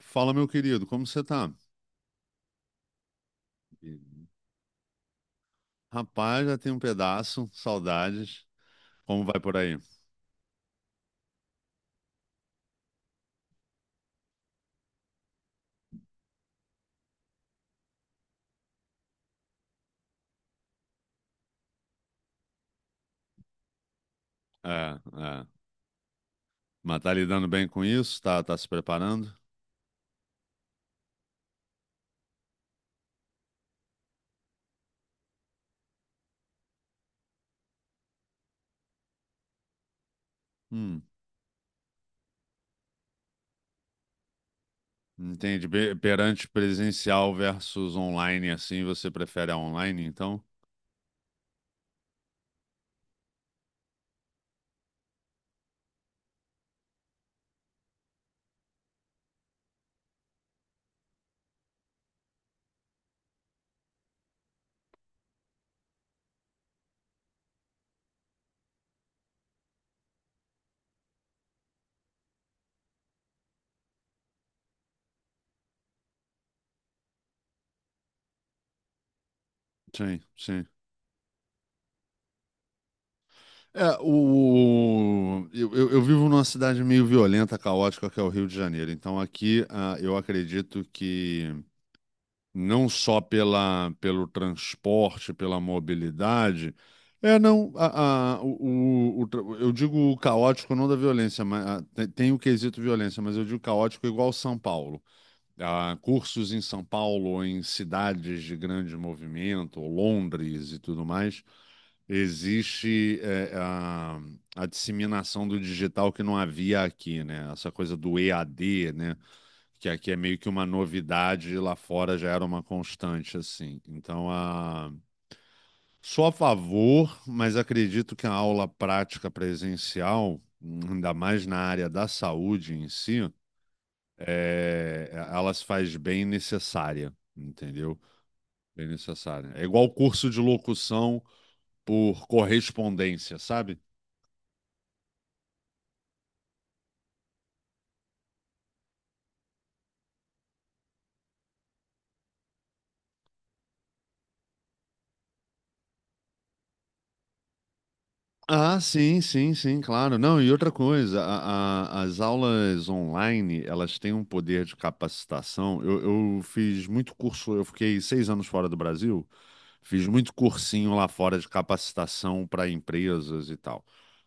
Fala, meu querido, como você tá? Rapaz, já tem um pedaço, saudades. Como vai por aí? É, é. Mas tá lidando bem com isso? Tá se preparando? Hum, entende. Perante presencial versus online, assim, você prefere a online, então? Sim, sim. É, eu vivo numa cidade meio violenta, caótica, que é o Rio de Janeiro. Então aqui, eu acredito que não só pelo transporte, pela mobilidade. É, não, eu digo o caótico não da violência, mas tem o quesito violência, mas eu digo caótico igual São Paulo. Ah, cursos em São Paulo, em cidades de grande movimento, ou Londres e tudo mais, existe a disseminação do digital que não havia aqui, né? Essa coisa do EAD, né? Que aqui é meio que uma novidade e lá fora já era uma constante, assim. Sou a favor, mas acredito que a aula prática presencial, ainda mais na área da saúde em si, ela se faz bem necessária, entendeu? Bem necessária. É igual curso de locução por correspondência, sabe? Ah, sim, sim, sim, claro. Não, e outra coisa, as aulas online, elas têm um poder de capacitação. Eu fiz muito curso, eu fiquei 6 anos fora do Brasil, fiz muito cursinho lá fora de capacitação para empresas e tal.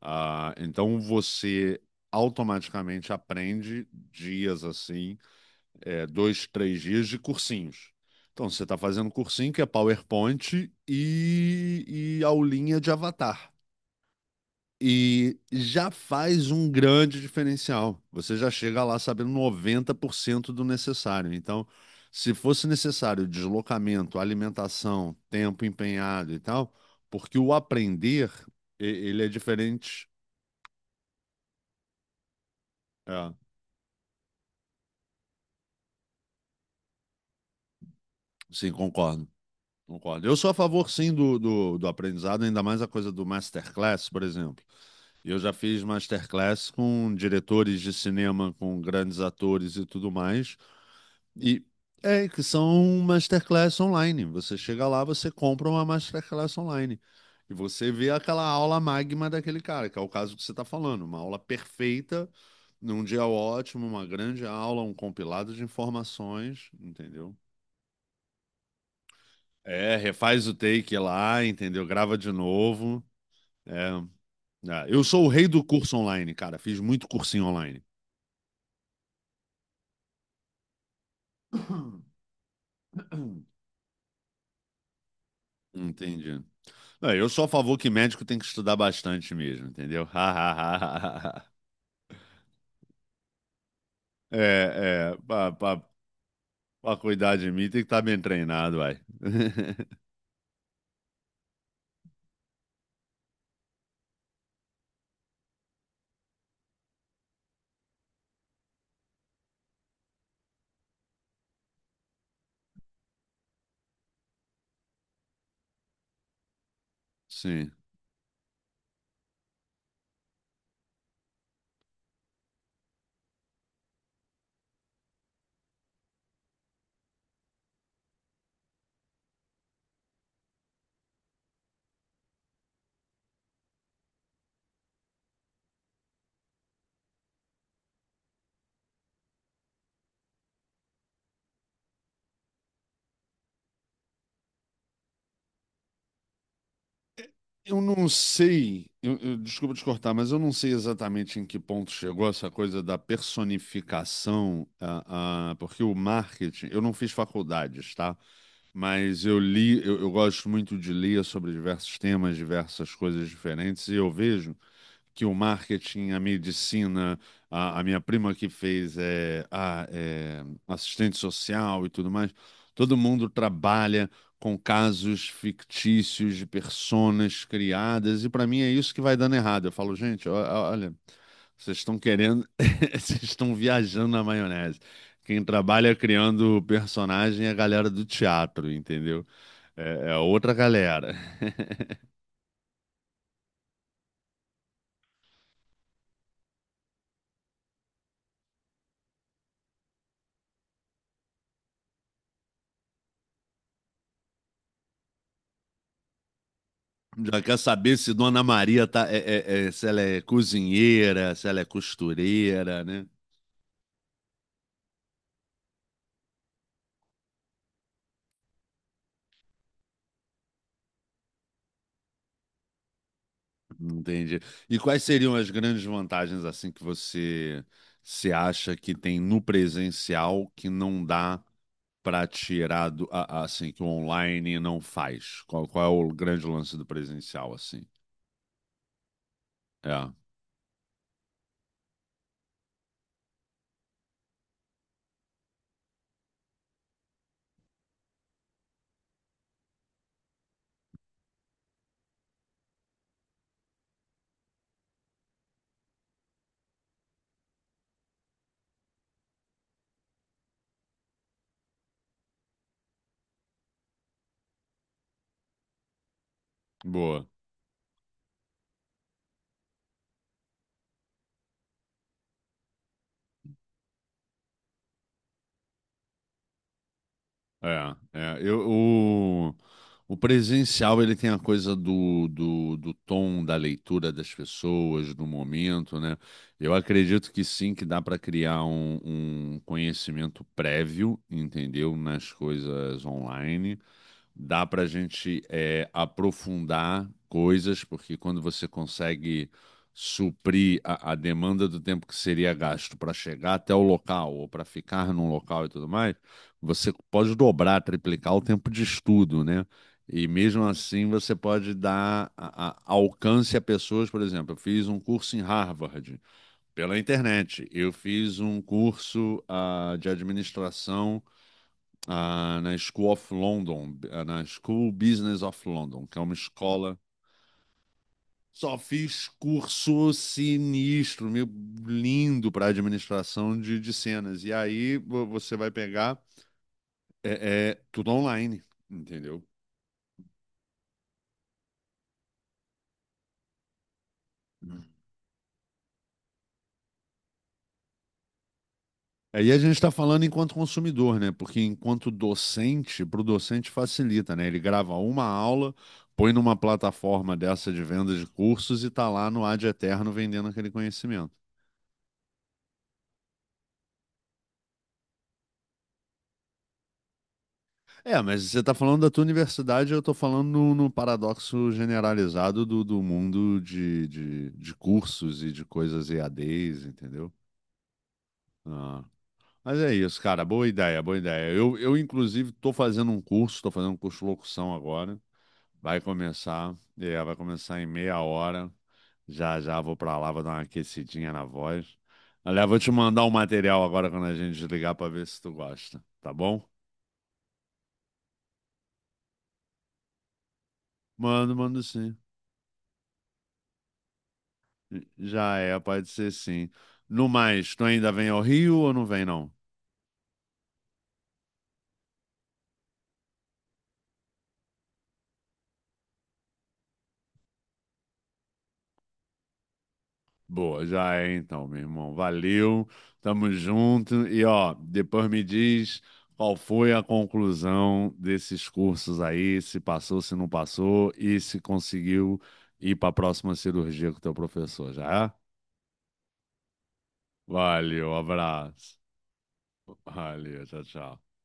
Ah, então você automaticamente aprende dias assim, é, dois, três dias de cursinhos. Então você está fazendo cursinho que é PowerPoint e aulinha de avatar. E já faz um grande diferencial. Você já chega lá sabendo 90% do necessário. Então, se fosse necessário deslocamento, alimentação, tempo empenhado e tal, porque o aprender, ele é diferente. É, sim, concordo. Concordo. Eu sou a favor, sim, do aprendizado, ainda mais a coisa do masterclass, por exemplo. Eu já fiz masterclass com diretores de cinema, com grandes atores e tudo mais. E é que são masterclass online. Você chega lá, você compra uma masterclass online. E você vê aquela aula magma daquele cara, que é o caso que você está falando. Uma aula perfeita, num dia ótimo, uma grande aula, um compilado de informações, entendeu? É, refaz o take lá, entendeu? Grava de novo. É. Ah, eu sou o rei do curso online, cara. Fiz muito cursinho online. Entendi. Não, eu sou a favor que médico tem que estudar bastante mesmo, entendeu? É, é, pra, pra, pra cuidar de mim tem que estar bem treinado, vai. Sim. É, eu não sei, desculpa te cortar, mas eu não sei exatamente em que ponto chegou essa coisa da personificação, porque o marketing, eu não fiz faculdades, tá? Mas eu li, eu gosto muito de ler sobre diversos temas, diversas coisas diferentes, e eu vejo que o marketing, a medicina, a minha prima que fez assistente social e tudo mais, todo mundo trabalha com casos fictícios de personas criadas, e para mim é isso que vai dando errado. Eu falo, gente, olha, vocês estão querendo, vocês estão viajando na maionese. Quem trabalha criando personagem é a galera do teatro, entendeu? É, é outra galera. Já quer saber se Dona Maria tá, se ela é cozinheira, se ela é costureira, né? Entendi. E quais seriam as grandes vantagens assim que você se acha que tem no presencial que não dá para tirar do, assim que o online não faz? Qual é o grande lance do presencial assim? É, boa. É, é, eu, o, o presencial ele tem a coisa do tom, da leitura das pessoas, do momento, né? Eu acredito que sim, que dá para criar um, um conhecimento prévio, entendeu? Nas coisas online dá para a gente é, aprofundar coisas, porque quando você consegue suprir a demanda do tempo que seria gasto para chegar até o local ou para ficar num local e tudo mais, você pode dobrar, triplicar o tempo de estudo, né? E mesmo assim você pode dar alcance a pessoas, por exemplo, eu fiz um curso em Harvard pela internet, eu fiz um curso de administração na School of London, na School Business of London, que é uma escola. Só fiz curso sinistro, meio lindo para administração de cenas. E aí você vai pegar tudo online, entendeu? Aí a gente está falando enquanto consumidor, né? Porque enquanto docente, para o docente facilita, né? Ele grava uma aula, põe numa plataforma dessa de venda de cursos e tá lá no ad eterno vendendo aquele conhecimento. É, mas você está falando da tua universidade, eu estou falando no, no paradoxo generalizado do, do mundo de cursos e de coisas EADs, entendeu? Ah, mas é isso, cara, boa ideia, boa ideia. Eu inclusive, estou fazendo um curso, estou fazendo um curso de locução agora. Vai começar, é, vai começar em meia hora. Já vou para lá, vou dar uma aquecidinha na voz. Aliás, vou te mandar o material agora quando a gente desligar para ver se tu gosta, tá bom? Mando, mando sim. Já é, pode ser sim. No mais, tu ainda vem ao Rio ou não vem, não? Boa, já é então, meu irmão. Valeu, tamo junto. E ó, depois me diz qual foi a conclusão desses cursos aí, se passou, se não passou e se conseguiu ir pra próxima cirurgia com o teu professor, já é? Valeu, abraço. Valeu, tchau, tchau.